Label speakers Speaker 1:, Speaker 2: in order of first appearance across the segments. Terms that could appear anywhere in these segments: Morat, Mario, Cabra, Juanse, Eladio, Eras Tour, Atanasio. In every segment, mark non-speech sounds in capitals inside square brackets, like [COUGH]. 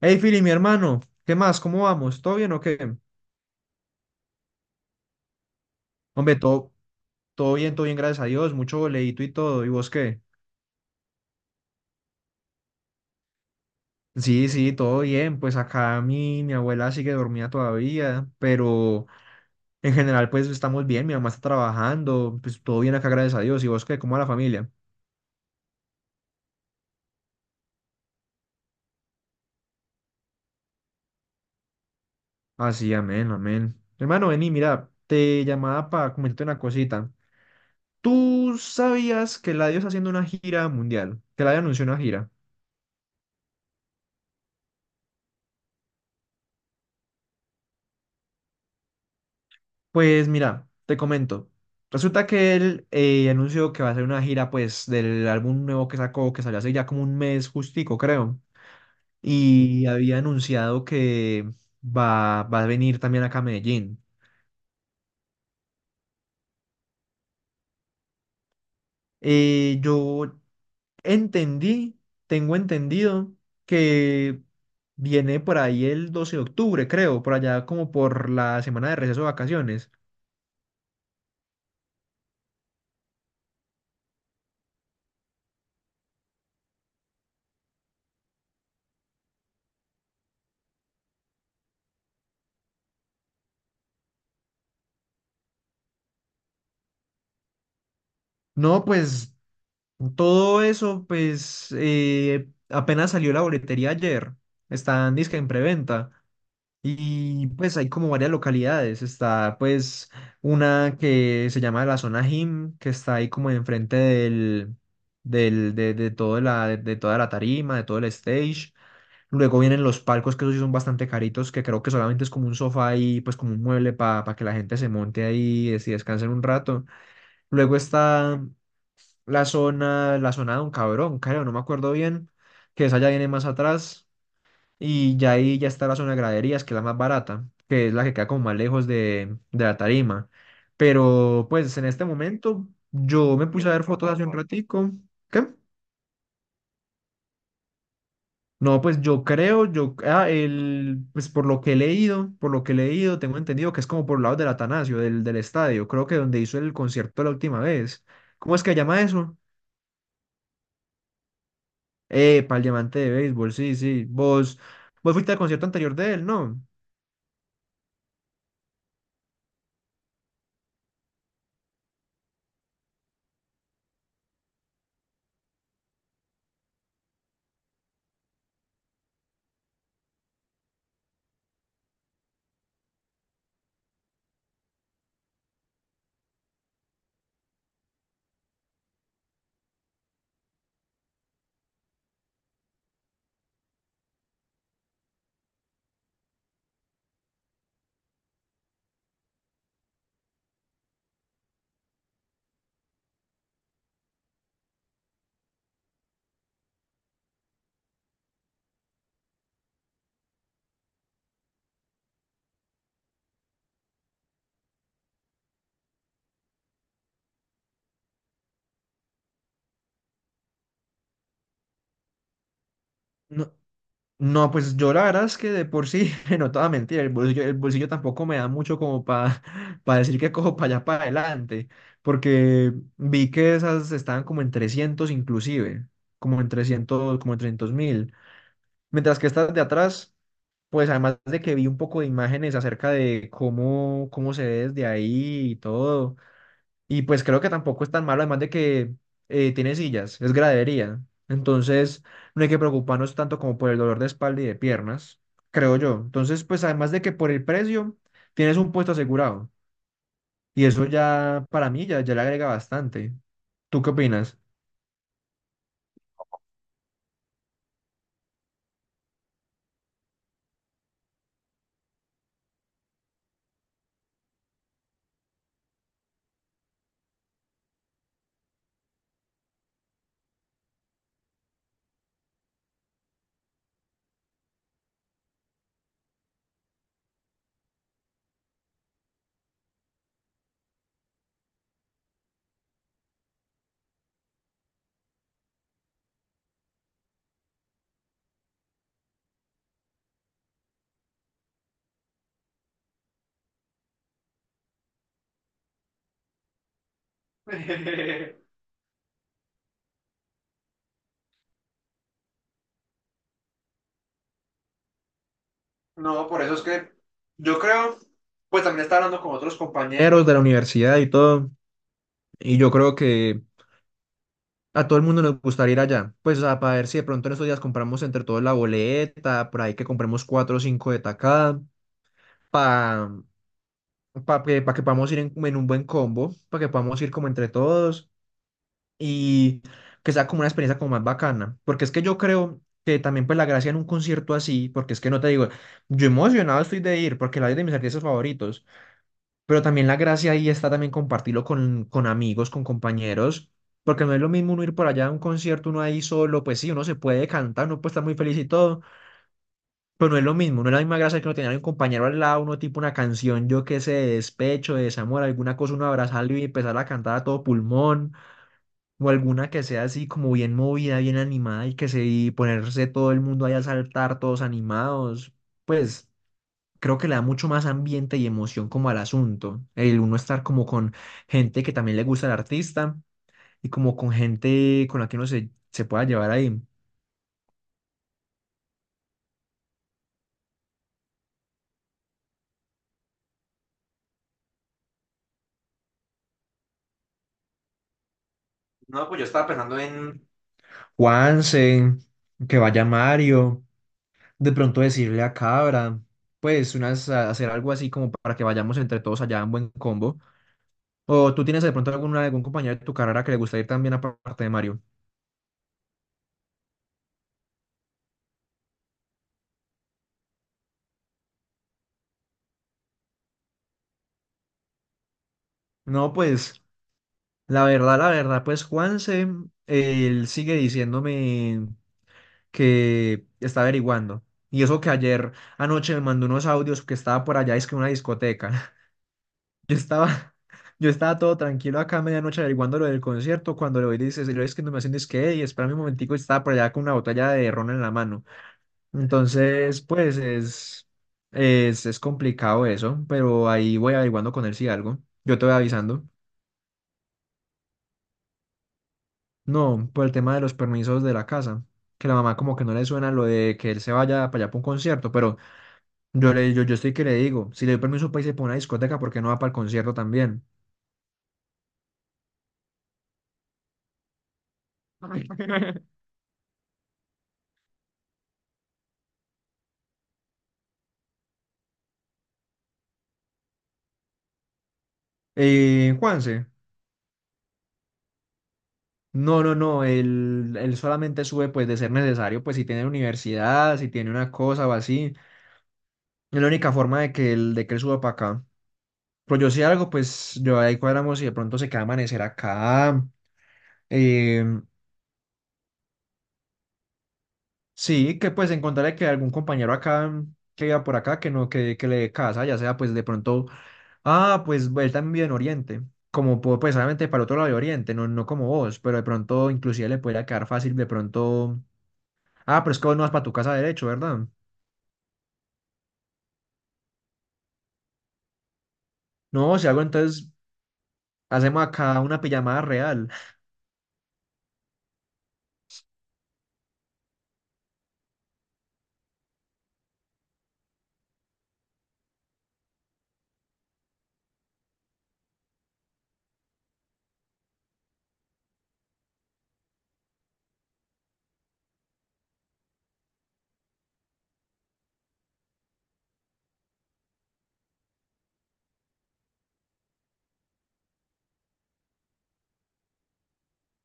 Speaker 1: Hey, Fili, mi hermano, ¿qué más? ¿Cómo vamos? ¿Todo bien o qué? Hombre, todo bien, gracias a Dios, mucho boleíto y todo. ¿Y vos qué? Sí, sí, todo bien. Pues acá mi abuela sigue dormida todavía, pero en general, pues estamos bien. Mi mamá está trabajando, pues todo bien acá, gracias a Dios. ¿Y vos qué? ¿Cómo va la familia? Así, amén, amén. Hermano, vení, mira, te llamaba para comentarte una cosita. ¿Tú sabías que Eladio está haciendo una gira mundial? Que Eladio anunció una gira. Pues mira, te comento. Resulta que él anunció que va a hacer una gira pues del álbum nuevo que sacó, que salió hace ya como un mes justico, creo. Y había anunciado que va a venir también acá a Medellín. Eh, yo entendí, tengo entendido que viene por ahí el 12 de octubre, creo, por allá como por la semana de receso de vacaciones. No, pues todo eso, pues, apenas salió la boletería ayer. Está en disque en preventa. Y pues hay como varias localidades. Está pues una que se llama la zona gym, que está ahí como enfrente del, del, de, todo la, de toda la tarima, de todo el stage. Luego vienen los palcos, que esos sí son bastante caritos, que creo que solamente es como un sofá y pues como un mueble para que la gente se monte ahí y descanse un rato. Luego está la zona de un cabrón, creo, no me acuerdo bien, que esa ya viene más atrás y ya ahí ya está la zona de graderías, que es la más barata, que es la que queda como más lejos de la tarima. Pero pues en este momento yo me puse a ver fotos hace un ratico. ¿Qué? No, pues yo creo, yo, ah, el, pues por lo que he leído, tengo entendido que es como por lado del Atanasio, del estadio, creo que donde hizo el concierto la última vez. ¿Cómo es que llama eso? Epa, el diamante de béisbol, sí, sí. Vos fuiste al concierto anterior de él, ¿no? No, no, pues yo la verdad es que de por sí, [LAUGHS] no toda mentira, el bolsillo tampoco me da mucho como para [LAUGHS] decir que cojo [LAUGHS] para allá para adelante, porque vi que esas estaban como en 300 inclusive, como en 300 como en 300 mil, mientras que estas de atrás, pues además de que vi un poco de imágenes acerca de cómo se ve desde ahí y todo. Y pues creo que tampoco es tan malo, además de que tiene sillas, es gradería. Entonces no hay que preocuparnos tanto como por el dolor de espalda y de piernas, creo yo. Entonces, pues además de que por el precio tienes un puesto asegurado. Y eso ya para mí ya le agrega bastante. ¿Tú qué opinas? [LAUGHS] No, por eso es que yo creo, pues también estaba hablando con otros compañeros. Compañeros de la universidad y todo, y yo creo que a todo el mundo nos gustaría ir allá. Pues, o sea, para ver si de pronto en estos días compramos entre todos la boleta, por ahí que compremos cuatro o cinco de tacada, para que, pa que podamos ir en un buen combo, para que podamos ir como entre todos y que sea como una experiencia como más bacana. Porque es que yo creo que también pues la gracia en un concierto así, porque es que no te digo, yo emocionado estoy de ir, porque la de mis artistas favoritos, pero también la gracia ahí está también compartirlo con amigos, con compañeros, porque no es lo mismo uno ir por allá a un concierto, uno ahí solo, pues sí, uno se puede cantar, uno puede estar muy feliz y todo, pero no es lo mismo, no es la misma gracia que uno tener un compañero al lado, uno tipo una canción, yo qué sé, de despecho, de desamor, alguna cosa, uno abrazarlo y empezar a cantar a todo pulmón, o alguna que sea así como bien movida, bien animada y que se y ponerse todo el mundo ahí a saltar, todos animados, pues creo que le da mucho más ambiente y emoción como al asunto. El uno estar como con gente que también le gusta el artista y como con gente con la que uno se pueda llevar ahí. No, pues yo estaba pensando en Juanse, que vaya Mario, de pronto decirle a Cabra, pues hacer algo así como para que vayamos entre todos allá en buen combo. O tú tienes de pronto algún compañero de tu carrera que le gusta ir también aparte de Mario. No, pues la verdad, pues Juanse, él sigue diciéndome que está averiguando. Y eso que ayer anoche me mandó unos audios que estaba por allá, es que en una discoteca. [LAUGHS] Yo estaba, yo estaba todo tranquilo acá a medianoche averiguando lo del concierto, cuando lo dices, y lo es que no me hacen es que, y espérame un momentico, y estaba por allá con una botella de ron en la mano. Entonces, pues es complicado eso, pero ahí voy averiguando con él si algo. Yo te voy avisando. No, por el tema de los permisos de la casa, que la mamá como que no le suena lo de que él se vaya para allá para un concierto, pero... Yo estoy que le digo, si le doy permiso para irse para una discoteca, ¿por qué no va para el concierto también? [LAUGHS] Juanse, no, no, no, él solamente sube pues de ser necesario, pues si tiene universidad, si tiene una cosa o así, es la única forma de que él suba para acá. Pero yo si algo, pues yo ahí cuadramos y de pronto se queda a amanecer acá. eh, sí, que pues encontrarle que algún compañero acá que viva por acá, que no, que le dé casa, ya sea pues de pronto. Ah, pues él también vive en Oriente, como pues obviamente para otro lado de Oriente, no, no como vos, pero de pronto inclusive le podría quedar fácil de pronto. Ah, pero es que vos no vas para tu casa derecho, ¿verdad? No, si algo entonces hacemos acá una pijamada real.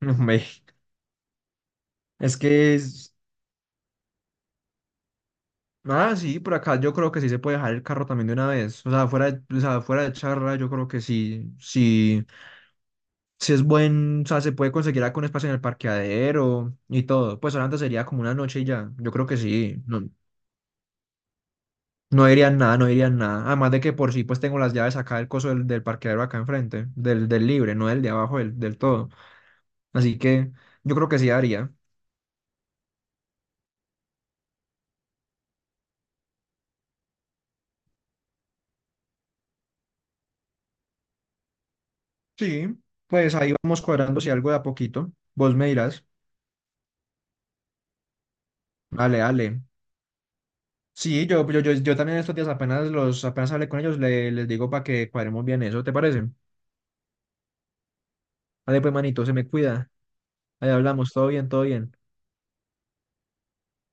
Speaker 1: [LAUGHS] Hombre, es que es... Ah, sí, por acá yo creo que sí se puede dejar el carro también de una vez. O sea, o sea, fuera de charla, yo creo que sí, sí, sí es buen, o sea, se puede conseguir algún espacio en el parqueadero y todo. Pues solamente sería como una noche y ya. Yo creo que sí. No, No dirían nada, no dirían nada. Además de que por sí, pues tengo las llaves acá del coso del parqueadero acá enfrente, del libre, no del de abajo, del todo. Así que yo creo que sí haría. Sí, pues ahí vamos cuadrando si algo de a poquito. Vos me dirás, dale, dale. Sí, yo también estos días apenas apenas hablé con ellos, les digo para que cuadremos bien eso, ¿te parece? Dale, pues, manito, se me cuida. Ahí hablamos, todo bien, todo bien.